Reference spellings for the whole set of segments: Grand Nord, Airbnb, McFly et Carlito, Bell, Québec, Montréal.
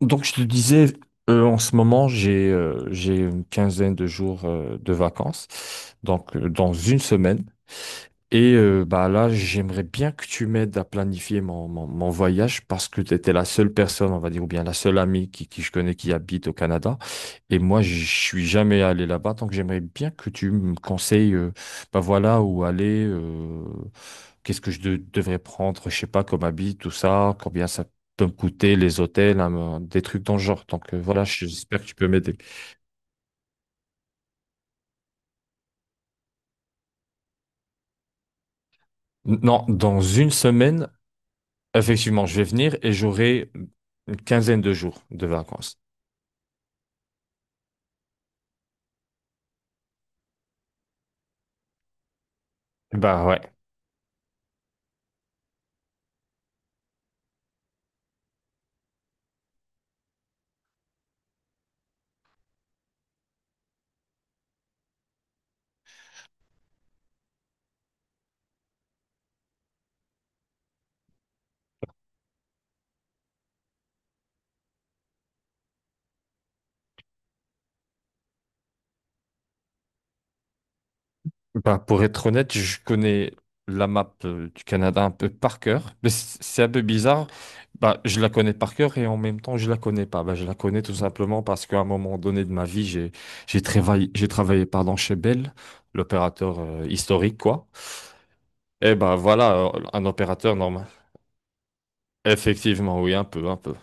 Donc, je te disais, en ce moment, j'ai une quinzaine de jours de vacances. Dans une semaine, là, j'aimerais bien que tu m'aides à planifier mon voyage parce que tu étais la seule personne, on va dire, ou bien la seule amie qui je connais qui habite au Canada. Et moi, je suis jamais allé là-bas, donc j'aimerais bien que tu me conseilles, voilà, où aller, qu'est-ce que devrais prendre, je sais pas, comme habit, tout ça, combien ça peut me coûter, les hôtels, hein, des trucs dans le genre. Voilà, j'espère que tu peux m'aider. Non, dans une semaine. Effectivement, je vais venir et j'aurai une quinzaine de jours de vacances. Bah ouais. Bah, pour être honnête, je connais la map du Canada un peu par cœur. Mais c'est un peu bizarre. Bah, je la connais par cœur et en même temps, je la connais pas. Bah, je la connais tout simplement parce qu'à un moment donné de ma vie, j'ai travaillé pardon chez Bell, l'opérateur historique quoi. Et bah voilà, un opérateur normal. Effectivement, oui, un peu, un peu.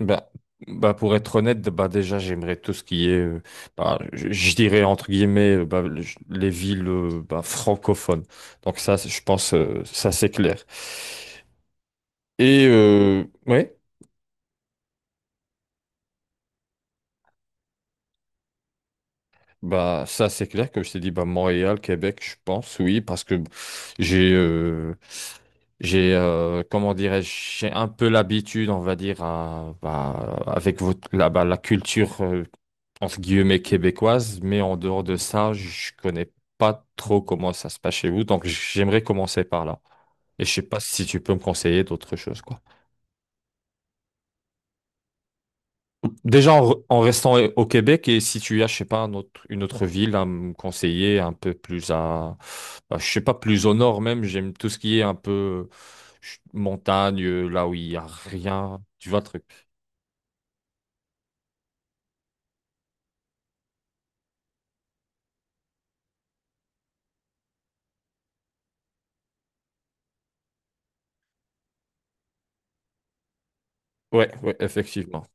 Bah, bah pour être honnête, bah déjà j'aimerais tout ce qui est, je dirais entre guillemets, les villes francophones. Donc ça, je pense, ça c'est clair. Et euh, ouais, ça c'est clair que je t'ai dit, bah Montréal, Québec, je pense, oui, parce que j'ai, euh, j'ai, comment dirais-je, j'ai un peu l'habitude, on va dire, avec la culture. Entre guillemets québécoise, mais en dehors de ça, je connais pas trop comment ça se passe chez vous, donc j'aimerais commencer par là. Et je sais pas si tu peux me conseiller d'autres choses, quoi. Déjà en restant au Québec et si tu as, je sais pas, une autre ville à me conseiller un peu plus à, bah, je sais pas, plus au nord même, j'aime tout ce qui est un peu montagne, là où il y a rien, tu vois le truc. Ouais, ouais, effectivement.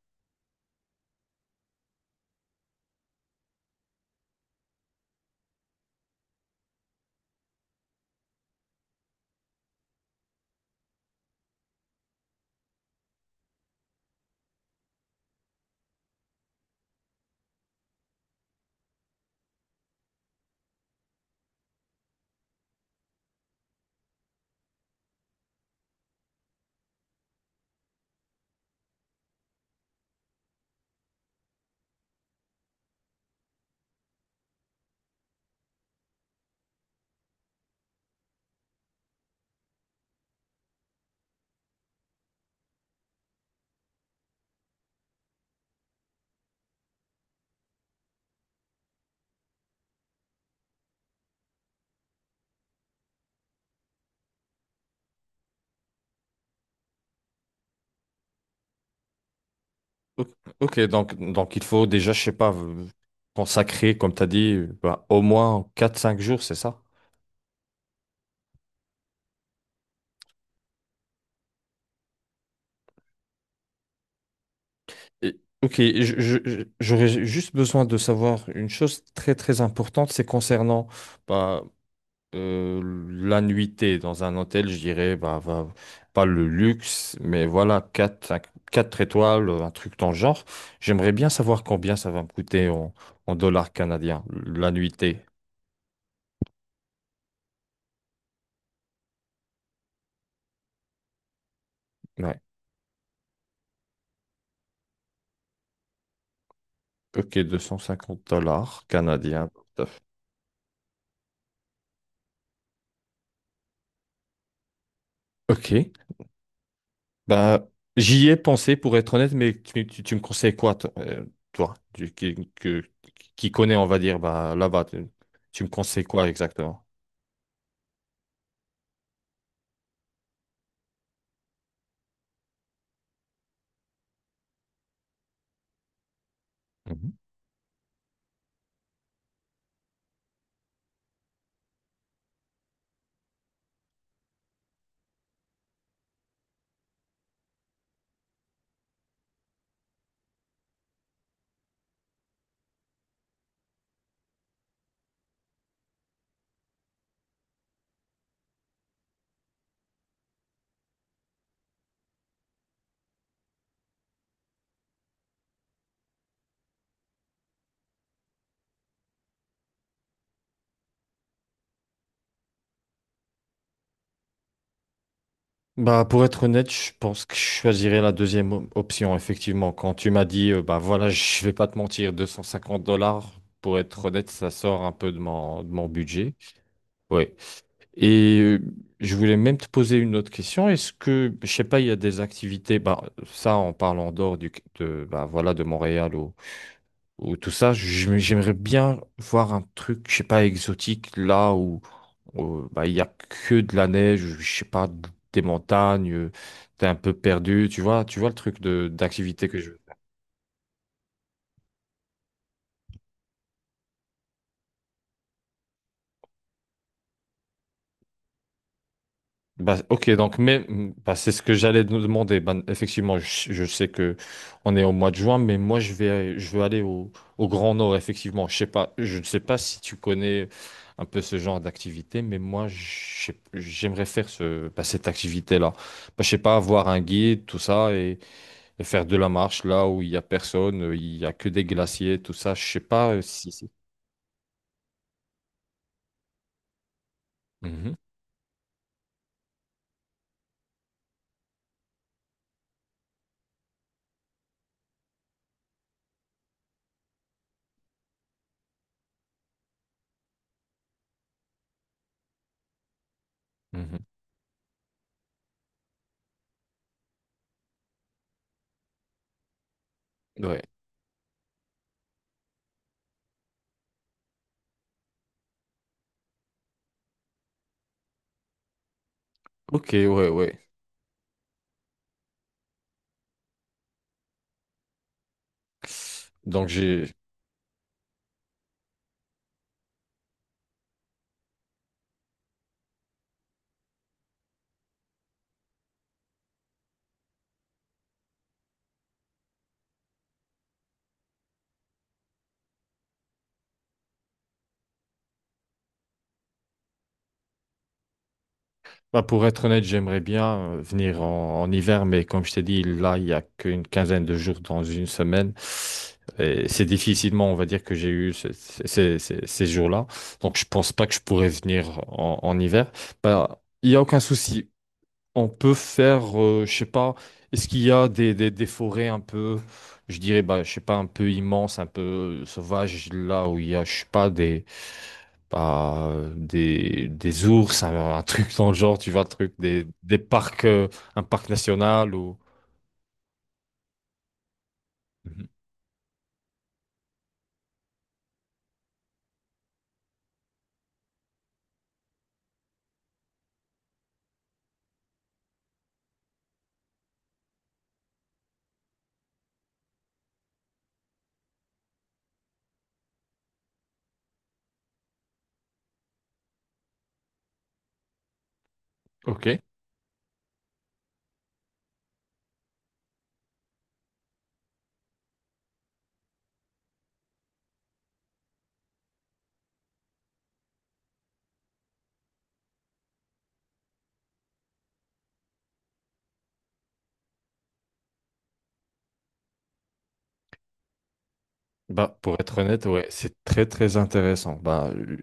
Ok, ok, donc il faut déjà, je sais pas, consacrer, comme tu as dit, au moins 4 5 jours, c'est ça? Ok, j'aurais juste besoin de savoir une chose très très importante, c'est concernant bah, euh, la nuitée dans un hôtel, je dirais, pas le luxe, mais voilà, 4 5 4 étoiles, un truc dans le genre. J'aimerais bien savoir combien ça va me coûter en dollars canadiens, la nuitée. Ok, 250 dollars canadiens. Tout à fait. Ok. Bah, j'y ai pensé pour être honnête, mais tu me conseilles quoi, toi, toi, qui connais, on va dire, bah, là-bas, tu me conseilles quoi exactement? Mhm. Bah, pour être honnête, je pense que je choisirais la deuxième option, effectivement. Quand tu m'as dit, bah voilà, je vais pas te mentir, 250 dollars, pour être honnête, ça sort un peu de de mon budget. Oui. Et euh, je voulais même te poser une autre question. Est-ce que, je sais pas, il y a des activités, bah, ça en parlant dehors du, de, bah, voilà, de Montréal ou tout ça, j'aimerais bien voir un truc, je sais pas, exotique où, bah, il y a que de la neige, je sais pas, des montagnes, t'es un peu perdu, tu vois le truc de d'activité que je. Bah, ok, donc mais bah, c'est ce que j'allais nous demander. Ben, effectivement, je sais que on est au mois de juin, mais moi je vais je veux aller au, au Grand Nord, effectivement. Je sais pas, je ne sais pas si tu connais un peu ce genre d'activité, mais j'aimerais faire ce, bah, cette activité-là. Bah, je sais pas, avoir un guide, tout ça, et faire de la marche là où il y a personne, il y a que des glaciers, tout ça. Je sais pas si. Mhm, mhm. Ouais. Ok, ouais, ouais. Donc j'ai. Bah, pour être honnête, j'aimerais bien venir en hiver, mais comme je t'ai dit, là, il y a qu'une quinzaine de jours dans une semaine. Et c'est difficilement, on va dire, que j'ai eu ces jours-là. Donc, je pense pas que je pourrais venir en hiver. Bah, il y a aucun souci on peut faire, je sais pas, est-ce qu'il y a des forêts un peu, je dirais, bah, je sais pas, un peu immenses, un peu sauvages, là où il y a, je sais pas, des, bah, des ours, un truc dans le genre, tu vois, le truc, des parcs, un parc national ou. Mhm. Ok. Bah, pour être honnête, ouais, c'est très, très intéressant. Bah,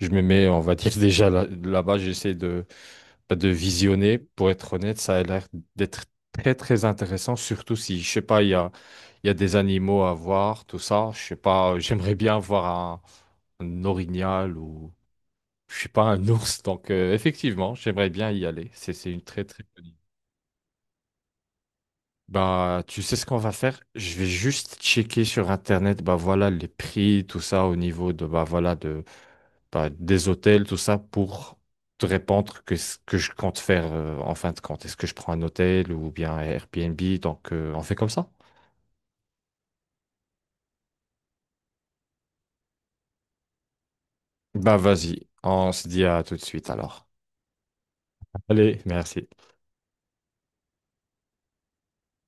je me mets, on va dire, déjà là-bas, j'essaie de. Bah, de visionner, pour être honnête, ça a l'air d'être très très intéressant, surtout si, je sais pas, il y a des animaux à voir, tout ça. Je sais pas, j'aimerais bien voir un orignal ou, je sais pas, un ours. Donc, effectivement, j'aimerais bien y aller. C'est une très très bonne idée. Bah, tu sais ce qu'on va faire? Je vais juste checker sur Internet, bah voilà, les prix, tout ça, au niveau de, bah voilà, de, bah, des hôtels, tout ça, pour te répondre que ce que je compte faire en fin de compte. Est-ce que je prends un hôtel ou bien un Airbnb? Donc, on fait comme ça? Bah, vas-y, on se dit à tout de suite alors. Allez, merci.